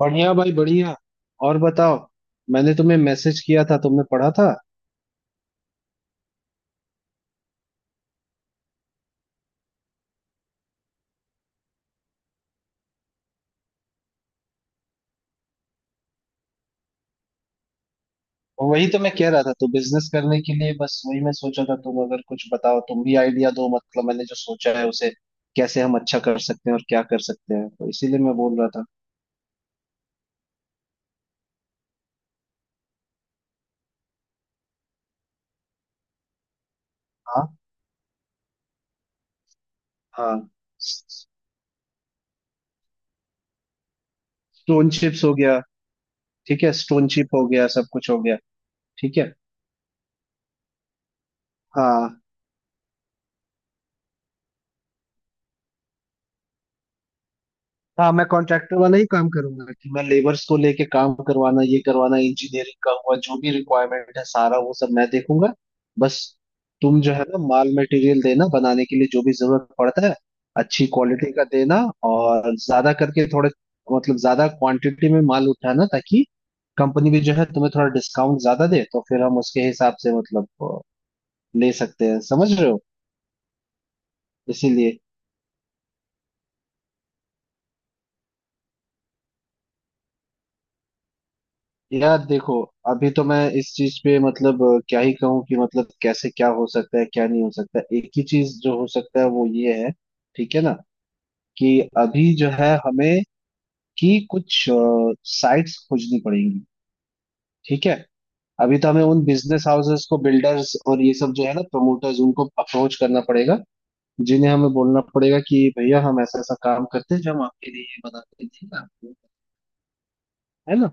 बढ़िया भाई, बढ़िया। और बताओ। मैंने तुम्हें मैसेज किया था, तुमने पढ़ा था? और वही तो मैं कह रहा था। तो बिजनेस करने के लिए बस वही मैं सोचा था। तुम अगर कुछ बताओ, तुम भी आइडिया दो। मतलब मैंने जो सोचा है उसे कैसे हम अच्छा कर सकते हैं और क्या कर सकते हैं, तो इसीलिए मैं बोल रहा था। हाँ हाँ। स्टोन चिप्स हो गया। ठीक है, स्टोन चिप हो गया, सब कुछ हो गया। ठीक है। हाँ हाँ। मैं कॉन्ट्रैक्टर वाला ही काम करूंगा, कि मैं लेबर्स को लेके काम करवाना, ये करवाना, इंजीनियरिंग का हुआ, जो भी रिक्वायरमेंट है सारा वो सब मैं देखूंगा। बस। तुम जो है ना, माल मटेरियल देना बनाने के लिए, जो भी जरूरत पड़ता है, अच्छी क्वालिटी का देना। और ज्यादा करके थोड़े, मतलब ज्यादा क्वांटिटी में माल उठाना, ताकि कंपनी भी जो है तुम्हें थोड़ा डिस्काउंट ज्यादा दे, तो फिर हम उसके हिसाब से मतलब ले सकते हैं। समझ रहे हो? इसीलिए। यार देखो, अभी तो मैं इस चीज पे मतलब क्या ही कहूँ कि मतलब कैसे क्या हो सकता है क्या नहीं हो सकता है। एक ही चीज जो हो सकता है वो ये है। ठीक है ना? कि अभी जो है हमें, कि कुछ साइट्स खोजनी पड़ेंगी। ठीक है। अभी तो हमें उन बिजनेस हाउसेस को, बिल्डर्स और ये सब जो है ना, प्रमोटर्स उनको अप्रोच करना पड़ेगा। जिन्हें हमें बोलना पड़ेगा कि भैया हम ऐसा ऐसा काम करते हैं जो हम आपके लिए ये बनाते हैं। ठीक है? है ना?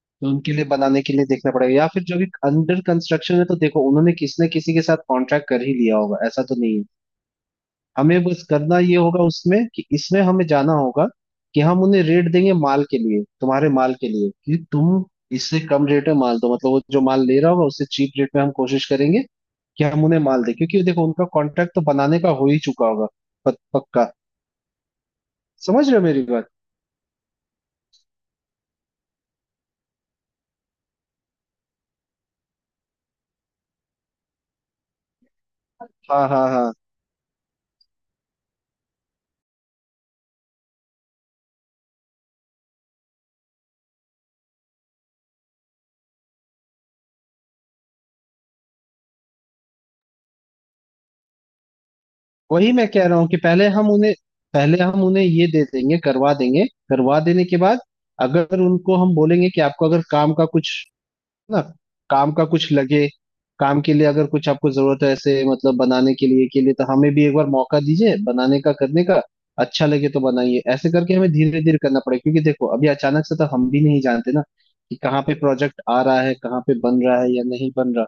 तो उनके लिए बनाने के लिए देखना पड़ेगा। या फिर जो भी अंडर कंस्ट्रक्शन है, तो देखो उन्होंने किसी न किसी के साथ कॉन्ट्रैक्ट कर ही लिया होगा, ऐसा तो नहीं है। हमें बस करना ये होगा उसमें कि इसमें हमें जाना होगा कि हम उन्हें रेट देंगे माल के लिए, तुम्हारे माल के लिए, कि तुम इससे कम रेट में माल दो। मतलब वो जो माल ले रहा होगा उससे चीप रेट में हम कोशिश करेंगे कि हम उन्हें माल दें, क्योंकि देखो उनका कॉन्ट्रैक्ट तो बनाने का हो ही चुका होगा पक्का। समझ रहे हो मेरी बात? हाँ हाँ हाँ। वही मैं कह रहा हूँ कि पहले हम उन्हें ये दे देंगे, करवा देंगे। करवा देने के बाद अगर उनको हम बोलेंगे कि आपको अगर ना काम का कुछ लगे, काम के लिए अगर कुछ आपको जरूरत है ऐसे, मतलब बनाने के लिए के लिए, तो हमें भी एक बार मौका दीजिए बनाने का, करने का। अच्छा लगे तो बनाइए। ऐसे करके हमें धीरे धीरे करना पड़ेगा, क्योंकि देखो अभी अचानक से तो हम भी नहीं जानते ना कि कहाँ पे प्रोजेक्ट आ रहा है, कहाँ पे बन रहा है या नहीं बन रहा।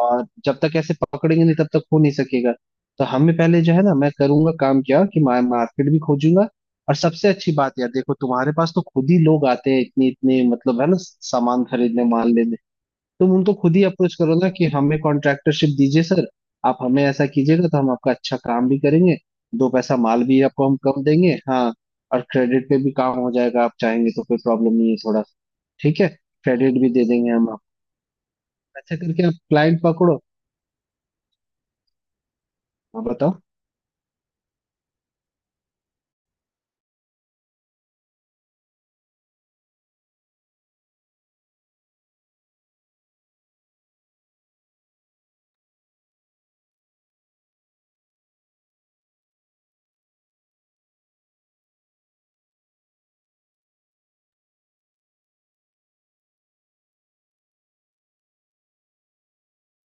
और जब तक ऐसे पकड़ेंगे नहीं, तब तक हो नहीं सकेगा। तो हमें पहले जो है ना, मैं करूंगा काम क्या कि मैं मार्केट भी खोजूंगा। और सबसे अच्छी बात यार देखो, तुम्हारे पास तो खुद ही लोग आते हैं इतने इतने, मतलब है ना, सामान खरीदने, माल लेने। तुम उनको खुद ही अप्रोच करो ना कि हमें कॉन्ट्रैक्टरशिप दीजिए सर। आप हमें ऐसा कीजिएगा तो हम आपका अच्छा काम भी करेंगे, दो पैसा माल भी आपको हम कम देंगे, हाँ। और क्रेडिट पे भी काम हो जाएगा, आप चाहेंगे तो कोई प्रॉब्लम नहीं है थोड़ा। ठीक है। क्रेडिट भी दे देंगे हम आपको। ऐसा करके आप क्लाइंट पकड़ो। हाँ बताओ।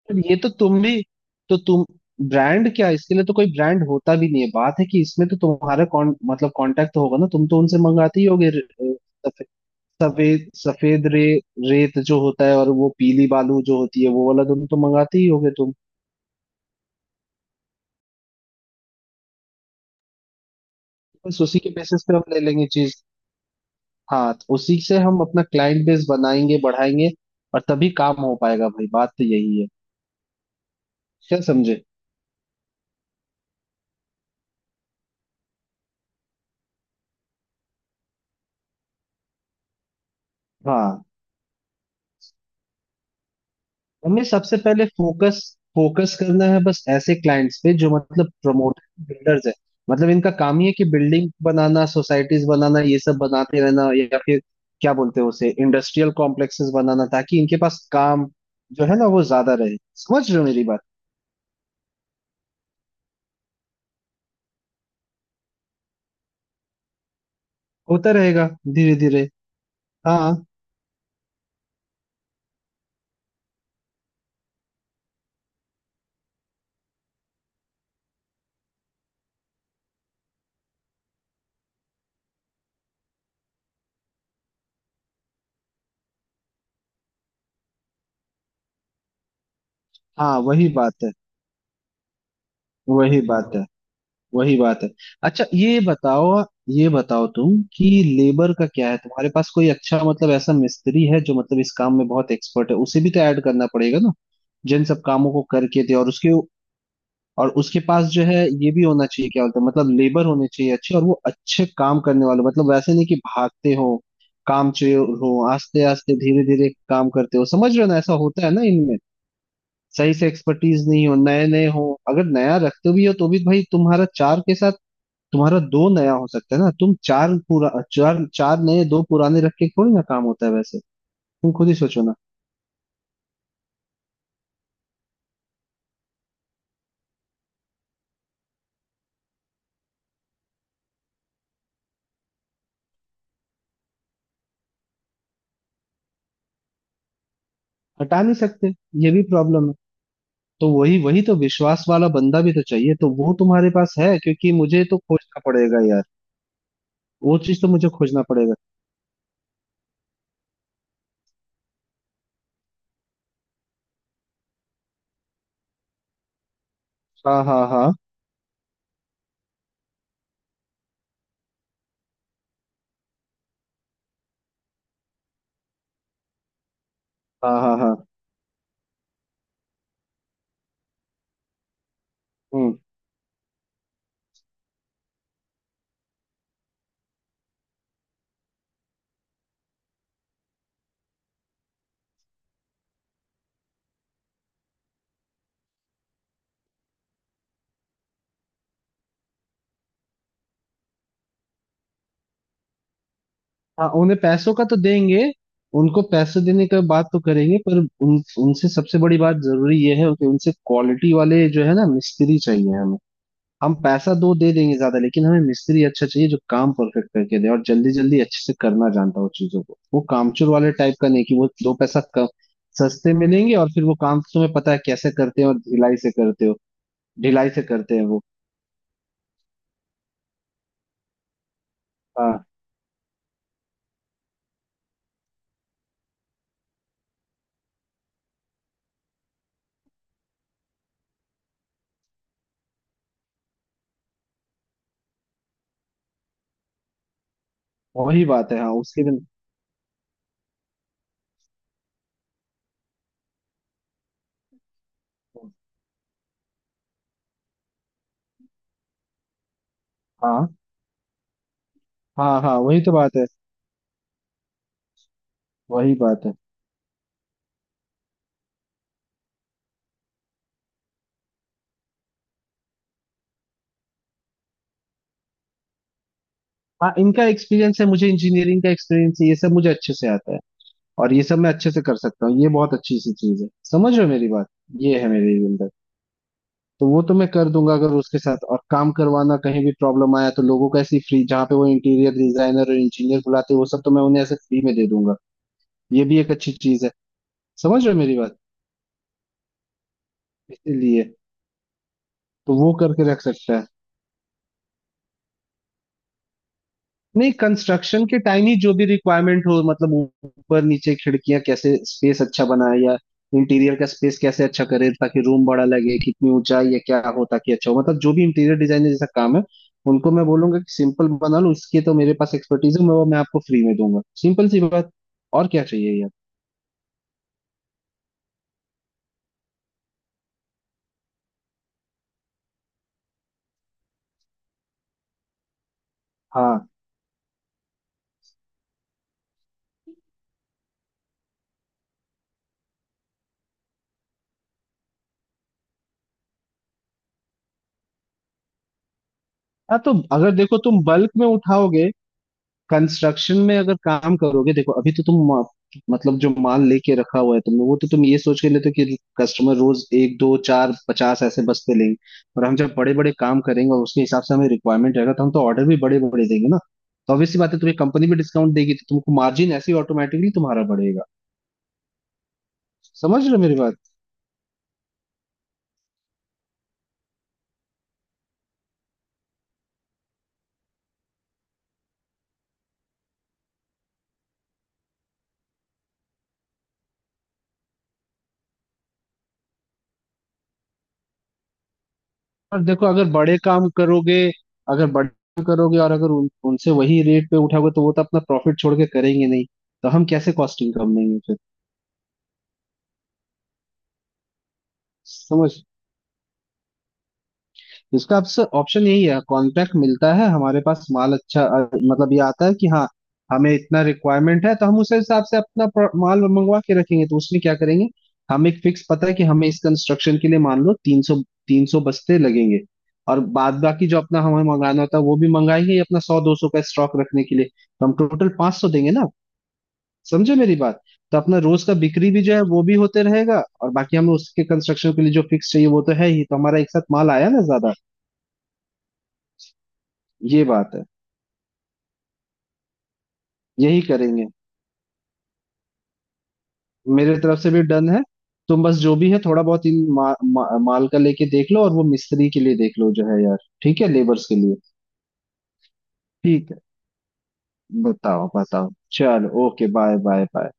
पर ये तो तुम भी, तो तुम ब्रांड क्या, इसके लिए तो कोई ब्रांड होता भी नहीं है। बात है कि इसमें तो तुम्हारा कौन, मतलब कांटेक्ट होगा ना, तुम तो उनसे मंगाते ही होगे। सफे- सफेद सफेद रे रेत जो होता है, और वो पीली बालू जो होती है, वो वाला तुम तो मंगाते ही होगे तुम। बस उसी के बेसिस पे हम ले लेंगे चीज। हाँ, तो उसी से हम अपना क्लाइंट बेस बनाएंगे, बढ़ाएंगे। और तभी काम हो पाएगा भाई, बात तो यही है। क्या समझे? हाँ। हमें सबसे पहले फोकस फोकस करना है बस ऐसे क्लाइंट्स पे जो मतलब प्रमोटर, बिल्डर्स है। मतलब इनका काम ही है कि बिल्डिंग बनाना, सोसाइटीज बनाना, ये सब बनाते रहना। या फिर क्या बोलते हैं उसे, इंडस्ट्रियल कॉम्प्लेक्सेस बनाना, ताकि इनके पास काम जो है ना वो ज्यादा रहे। समझ रहे हो मेरी बात? होता रहेगा, धीरे धीरे। हाँ हाँ। वही बात है, वही बात है, वही बात है। अच्छा ये बताओ, ये बताओ तुम कि लेबर का क्या है? तुम्हारे पास कोई अच्छा, मतलब ऐसा मिस्त्री है जो मतलब इस काम में बहुत एक्सपर्ट है? उसे भी तो ऐड करना पड़ेगा ना, जिन सब कामों को करके दे। और उसके पास जो है, ये भी होना चाहिए, क्या बोलते हैं, मतलब लेबर होने चाहिए अच्छे, और वो अच्छे काम करने वाले। मतलब वैसे नहीं कि भागते हो, काम चोर हो, आस्ते आस्ते धीरे धीरे काम करते हो। समझ रहे हो ना, ऐसा होता है ना इनमें, सही से एक्सपर्टीज नहीं हो, नए नए हो। अगर नया रखते भी हो, तो भी भाई तुम्हारा चार के साथ तुम्हारा दो नया हो सकता है ना, तुम चार पूरा, चार चार नए दो पुराने रख के थोड़ी ना काम होता है वैसे। तुम खुद ही सोचो ना। हटा नहीं सकते। ये भी प्रॉब्लम है। तो वही वही तो विश्वास वाला बंदा भी तो चाहिए। तो वो तुम्हारे पास है, क्योंकि मुझे तो खोजना पड़ेगा यार। वो चीज तो मुझे खोजना पड़ेगा। हाँ हाँ हाँ हाँ हाँ हाँ। हम्म। हाँ, उन्हें पैसों का तो देंगे। उनको पैसे देने का बात तो करेंगे, पर उन उनसे सबसे बड़ी बात जरूरी ये है कि उनसे क्वालिटी वाले जो है ना, मिस्त्री चाहिए हमें। हम पैसा दो दे देंगे ज्यादा, लेकिन हमें मिस्त्री अच्छा चाहिए जो काम परफेक्ट करके दे और जल्दी जल्दी अच्छे से करना जानता हो चीजों को, वो कामचोर वाले टाइप का नहीं कि वो दो पैसा कम सस्ते में लेंगे और फिर वो काम तो तुम्हें पता है कैसे करते हैं और ढिलाई से करते हो। ढिलाई से करते हैं वो। हाँ वही बात है। हाँ उसके भी। हाँ हाँ हाँ वही तो बात है, वही बात है। हाँ इनका एक्सपीरियंस है, मुझे इंजीनियरिंग का एक्सपीरियंस है, ये सब मुझे अच्छे से आता है, और ये सब मैं अच्छे से कर सकता हूँ। ये बहुत अच्छी सी चीज है। समझ रहे हो मेरी बात? ये है मेरी। तो वो तो मैं कर दूंगा। अगर उसके साथ और काम करवाना कहीं भी प्रॉब्लम आया, तो लोगों का ऐसी फ्री जहाँ पे वो इंटीरियर डिजाइनर और इंजीनियर बुलाते हैं, वो सब तो मैं उन्हें ऐसे फ्री में दे दूंगा। ये भी एक अच्छी चीज है। समझ रहे हो मेरी बात? इसीलिए। तो वो करके रख सकता है। नहीं, कंस्ट्रक्शन के टाइम ही जो भी रिक्वायरमेंट हो, मतलब ऊपर नीचे खिड़कियां, कैसे स्पेस अच्छा बनाए, या इंटीरियर का स्पेस कैसे अच्छा करे ताकि रूम बड़ा लगे, कितनी ऊंचाई या क्या हो ताकि अच्छा हो, मतलब जो भी इंटीरियर डिजाइनर जैसा काम है, उनको मैं बोलूंगा कि सिंपल बना लो। उसकी तो मेरे पास एक्सपर्टीज है, मैं वो मैं आपको फ्री में दूंगा, सिंपल सी बात। और क्या चाहिए यार? हाँ हाँ। तो अगर देखो तुम बल्क में उठाओगे, कंस्ट्रक्शन में अगर काम करोगे, देखो अभी तो तुम मतलब जो माल लेके रखा हुआ है तुमने, वो तो तुम ये सोच के लेते हो कि कस्टमर रोज एक दो चार 50 ऐसे बस्ते लेंगे। और हम जब बड़े बड़े काम करेंगे और उसके हिसाब से हमें रिक्वायरमेंट रहेगा, तो हम तो ऑर्डर भी बड़े बड़े देंगे ना। तो ऑब्वियस सी बात है तुम्हें कंपनी भी डिस्काउंट देगी, तो तुमको मार्जिन ऐसे ही ऑटोमेटिकली तुम्हारा बढ़ेगा। समझ रहे हो मेरी बात? और देखो अगर बड़े काम करोगे, अगर बड़े काम करोगे और अगर उनसे वही रेट पे उठाओगे, तो वो तो अपना प्रॉफिट छोड़ के करेंगे नहीं। तो हम कैसे कॉस्टिंग कम लेंगे फिर? समझ। इसका आपसे ऑप्शन यही है, कॉन्ट्रैक्ट मिलता है हमारे पास, माल अच्छा, मतलब ये आता है कि हाँ, हमें इतना रिक्वायरमेंट है तो हम उस हिसाब से अपना माल मंगवा के रखेंगे, तो उसमें क्या करेंगे, हम एक फिक्स पता है कि हमें इस कंस्ट्रक्शन के लिए मान लो तीन सौ बस्ते लगेंगे। और बाद बाकी जो अपना हमें मंगाना होता है वो भी मंगाएंगे, ये अपना 100 200 का स्टॉक रखने के लिए, तो हम टोटल 500 देंगे ना। समझे मेरी बात? तो अपना रोज का बिक्री भी जो है वो भी होते रहेगा, और बाकी हमें उसके कंस्ट्रक्शन के लिए जो फिक्स चाहिए वो तो है ही, तो हमारा एक साथ माल आया ना ज्यादा। ये बात है। यही करेंगे। मेरे तरफ से भी डन है। तुम बस जो भी है, थोड़ा बहुत इन मा, मा, माल का लेके देख लो, और वो मिस्त्री के लिए देख लो जो है यार। ठीक है लेबर्स के लिए। ठीक है। बताओ बताओ चलो, ओके बाय बाय बाय।